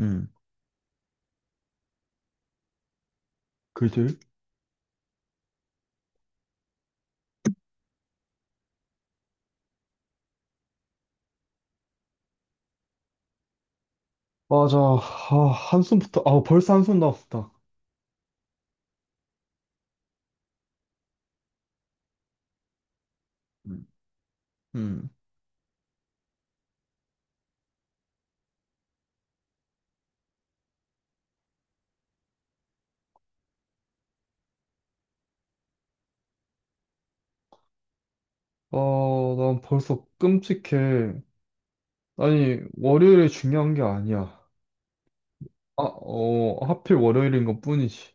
음, 그지? 맞아. 한숨부터, 벌써 한숨 나왔다. 음, 음, 아, 난 벌써 끔찍해. 아니, 월요일이 중요한 게 아니야. 하필 월요일인 것 뿐이지.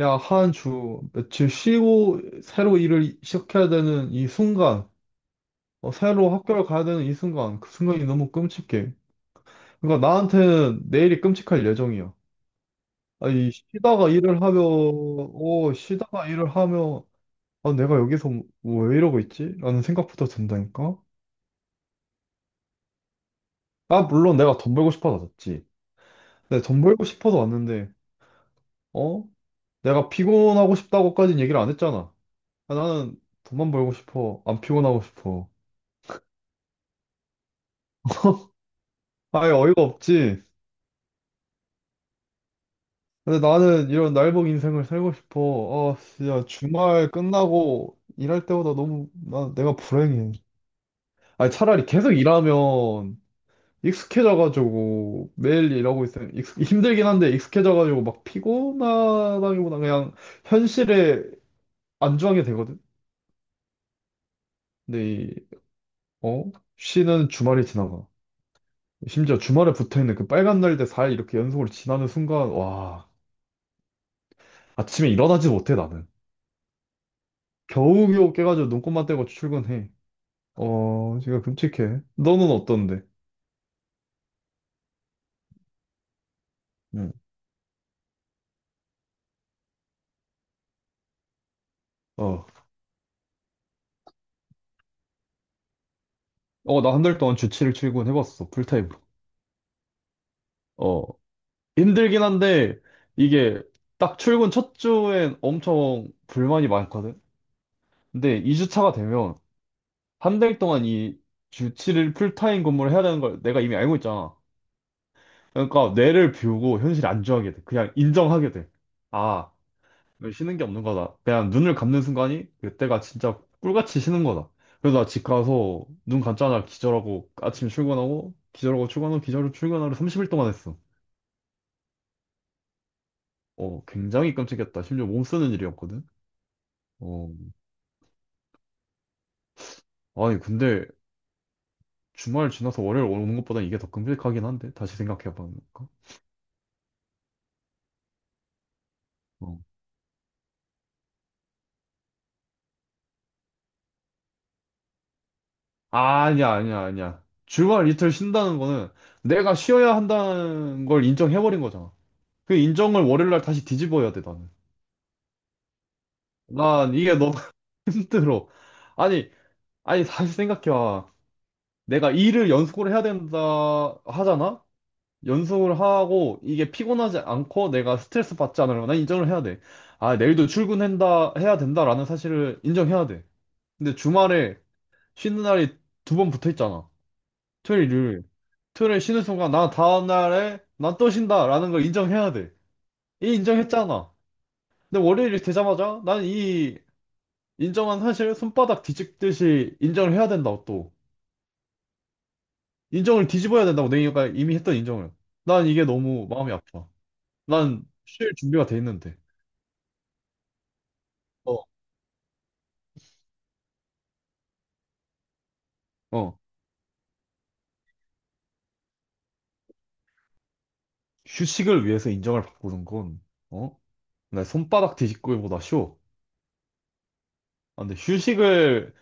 야, 한 주, 며칠 쉬고, 새로 일을 시작해야 되는 이 순간, 새로 학교를 가야 되는 이 순간, 그 순간이 너무 끔찍해. 그러니까 나한테는 내일이 끔찍할 예정이야. 아니, 쉬다가 일을 하며, 내가 여기서 뭐, 왜 이러고 있지? 라는 생각부터 든다니까? 물론 내가 돈 벌고 싶어서 왔지. 내가 돈 벌고 싶어서 왔는데, 어? 내가 피곤하고 싶다고까지는 얘기를 안 했잖아. 나는 돈만 벌고 싶어. 안 피곤하고 싶어. 아예 어이가 없지. 근데 나는 이런 날복 인생을 살고 싶어. 진짜 주말 끝나고 일할 때보다 너무, 내가 불행해. 아니, 차라리 계속 일하면 익숙해져가지고 매일 일하고 있으면 익숙, 힘들긴 한데 익숙해져가지고 막 피곤하다기보다 그냥 현실에 안주하게 되거든. 근데 이, 어? 쉬는 주말이 지나가. 심지어 주말에 붙어있는 그 빨간 날대 사 일 이렇게 연속으로 지나는 순간 와 아침에 일어나지 못해 나는. 겨우겨우 깨가지고 눈곱만 떼고 출근해. 지금 끔찍해. 너는 어떤데? 응. 어. 어, 나 한 달 동안 주 7일 출근해봤어. 풀타임으로. 어. 힘들긴 한데 이게 딱 출근 첫 주엔 엄청 불만이 많거든. 근데 2주 차가 되면 한 달 동안 이 주 7일 풀타임 근무를 해야 되는 걸 내가 이미 알고 있잖아. 그러니까 뇌를 비우고 현실에 안주하게 돼. 그냥 인정하게 돼. 아, 이거 쉬는 게 없는 거다. 그냥 눈을 감는 순간이 그때가 진짜 꿀같이 쉬는 거다. 그래서 나 집 가서 눈 감자마자 기절하고 아침 출근하고 기절하고 출근하고 기절하고 출근하고 30일 동안 했어. 굉장히 끔찍했다. 심지어 몸 쓰는 일이었거든. 어, 아니, 근데 주말 지나서 월요일 오는 것보다 이게 더 끔찍하긴 한데, 다시 생각해 보니까. 어. 아니야, 아니야, 아니야. 주말 이틀 쉰다는 거는 내가 쉬어야 한다는 걸 인정해버린 거잖아. 그 인정을 월요일 날 다시 뒤집어야 돼, 나는. 난 이게 너무 힘들어. 아니, 아니, 다시 생각해봐. 내가 일을 연속으로 해야 된다 하잖아? 연속을 하고 이게 피곤하지 않고 내가 스트레스 받지 않으려면 난 인정을 해야 돼. 내일도 출근한다, 해야 된다라는 사실을 인정해야 돼. 근데 주말에 쉬는 날이 두 번 붙어 있잖아. 토요일, 일요일. 토요일에 쉬는 순간 나 다음 날에 난 또 쉰다라는 걸 인정해야 돼. 이 인정했잖아. 근데 월요일이 되자마자 난 이 인정한 사실을 손바닥 뒤집듯이 인정을 해야 된다고 또. 인정을 뒤집어야 된다고 내가 이미 했던 인정을. 난 이게 너무 마음이 아파. 난 쉴 준비가 돼 있는데. 어, 어. 휴식을 위해서 인정을 바꾸는 건, 어? 나 손바닥 뒤집기보다 쉬워. 근데 휴식을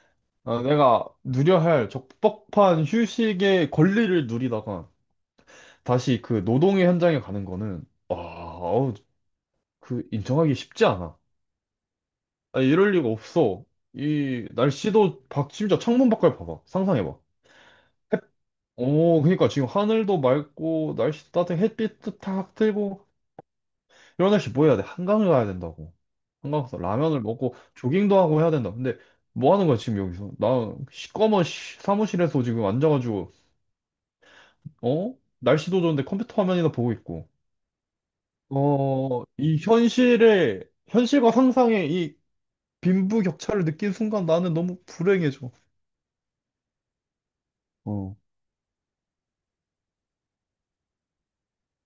아, 내가 누려야 할 적법한 휴식의 권리를 누리다가 다시 그 노동의 현장에 가는 거는 그 인정하기 쉽지 않아. 이럴 리가 없어. 이 날씨도 밖 심지어 창문 밖을 봐봐. 상상해봐. 햇- 그러니까 지금 하늘도 맑고 날씨 따뜻해 햇빛도 탁 들고 이런 날씨 뭐 해야 돼? 한강을 가야 된다고. 한강 가서 라면을 먹고 조깅도 하고 해야 된다. 근데 뭐 하는 거야 지금 여기서? 나 시꺼먼 사무실에서 지금 앉아가지고 어? 날씨도 좋은데 컴퓨터 화면이나 보고 있고. 현실과 상상의 이 빈부격차를 느낀 순간 나는 너무 불행해져. 어,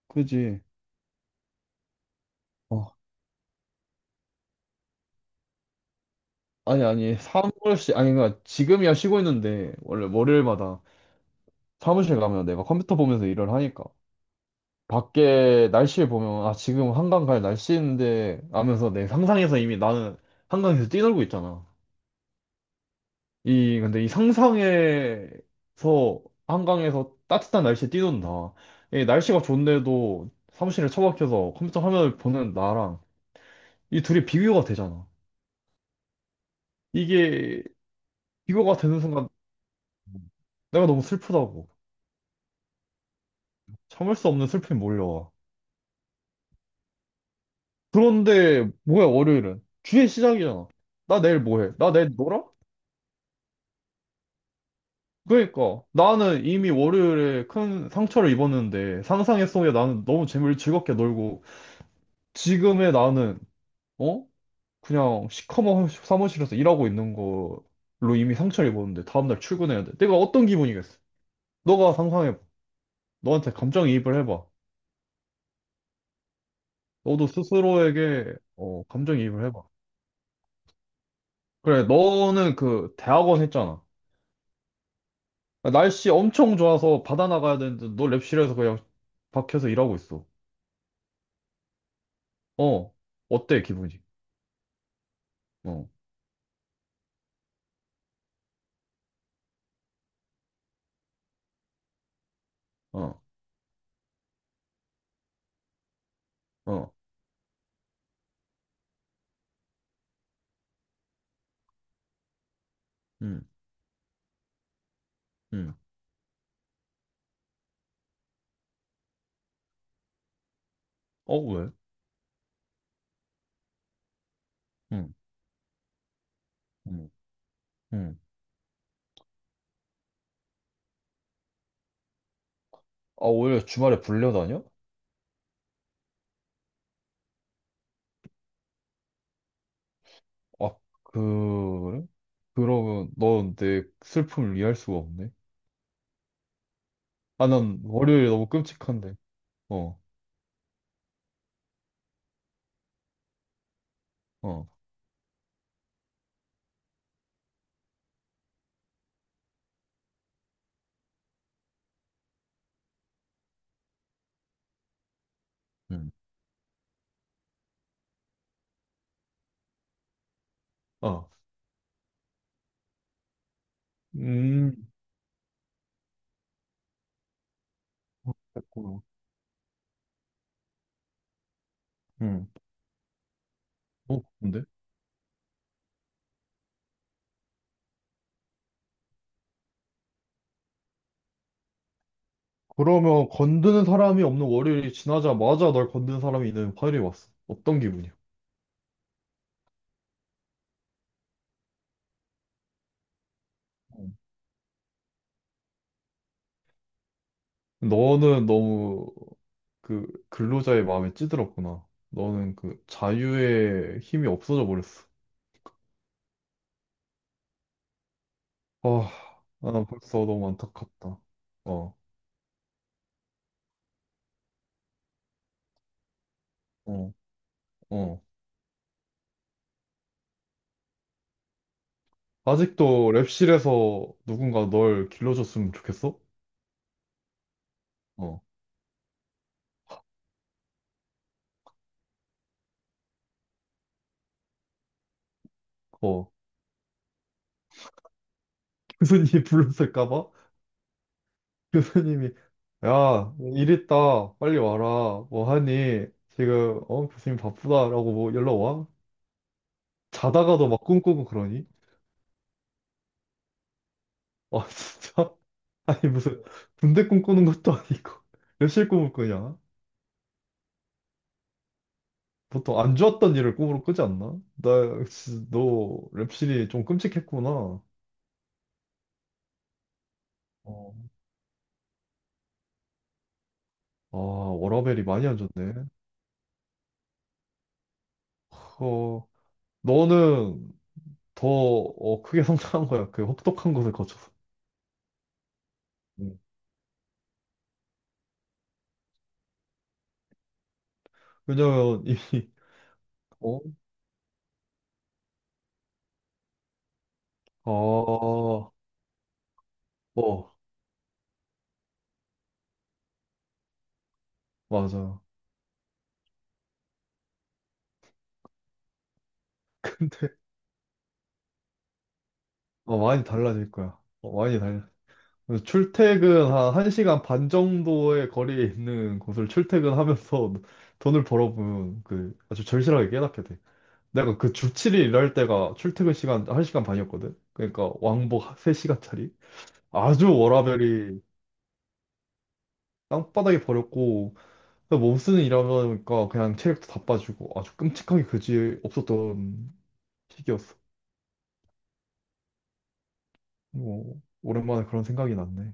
그지. 어, 아니, 아니, 아니, 그러니까 지금이야 쉬고 있는데, 원래 월요일마다 사무실 가면 내가 컴퓨터 보면서 일을 하니까. 밖에 날씨 보면, 지금 한강 갈 날씨인데, 하면서 내 상상에서 이미 나는 한강에서 뛰놀고 있잖아. 근데 이 상상에서, 한강에서 따뜻한 날씨에 뛰는다. 이 날씨가 좋은데도 사무실에 처박혀서 컴퓨터 화면을 보는 나랑 이 둘이 비교가 되잖아. 이게 비교가 되는 순간 내가 너무 슬프다고. 참을 수 없는 슬픔이 몰려와. 그런데 뭐야, 월요일은? 주의 시작이잖아. 나 내일 뭐 해? 나 내일 놀아? 그러니까 나는 이미 월요일에 큰 상처를 입었는데 상상의 속에 나는 너무 재미를 즐겁게 놀고 지금의 나는 어? 그냥 시커먼 사무실에서 일하고 있는 걸로 이미 상처를 입었는데 다음날 출근해야 돼. 내가 어떤 기분이겠어? 너가 상상해봐. 너한테 감정이입을 해봐. 너도 스스로에게 감정이입을 해봐. 그래, 너는 그 대학원 했잖아. 날씨 엄청 좋아서 바다 나가야 되는데 너 랩실에서 그냥 박혀서 일하고 있어. 어, 어때 기분이? 어, 어, 어, 음, 음. 어, 왜? 음, 음, 음. 아, 오히려 주말에 불려다녀? 아, 그래? 그러면 넌 내 슬픔을 이해할 수가 없네. 난 월요일이 너무 끔찍한데. 어, 어, 음, 어. 음, 됐구나. 음. 어, 근데? 그러면 건드는 사람이 없는 월요일이 지나자마자 널 건드는 사람이 있는 화요일이 왔어. 어떤 기분이야? 음. 너는 너무 그 근로자의 마음에 찌들었구나. 너는 그 자유의 힘이 없어져 버렸어. 아, 난 벌써 너무 안타깝다. 어, 어, 어. 아직도 랩실에서 누군가 널 길러줬으면 좋겠어? 어, 어. 교수님 불렀을까 봐? 교수님이, 야, 일 있다. 빨리 와라. 뭐 하니? 지금, 교수님 바쁘다라고 뭐 연락 와? 자다가도 막 꿈꾸고 그러니? 아, 진짜? 아니, 무슨, 군대 꿈꾸는 것도 아니고, 랩실 꿈을 꾸냐? 보통 안 좋았던 일을 꿈으로 꾸지 않나? 나, 진짜 너 랩실이 좀 끔찍했구나. 어. 워라밸이 많이 안 좋네. 너는 더 크게 성장한 거야. 그 혹독한 곳을 거쳐서. 음. 왜냐면 이미 어? 아... 어, 맞아. 근데 많이 달라질 거야. 어, 많이 달라. 그래서 출퇴근 한 1시간 반 정도의 거리에 있는 곳을 출퇴근하면서 돈을 벌어보면 그 아주 절실하게 깨닫게 돼. 내가 그 주 7일 일할 때가 출퇴근 시간 1시간 반이었거든. 그러니까 왕복 3시간짜리. 아주 워라밸이 땅바닥에 버렸고 그래서 몸쓰는 일하니까 그냥 체력도 다 빠지고 아주 끔찍하게 그지 없었던 시기였어. 뭐 오랜만에 그런 생각이 났네.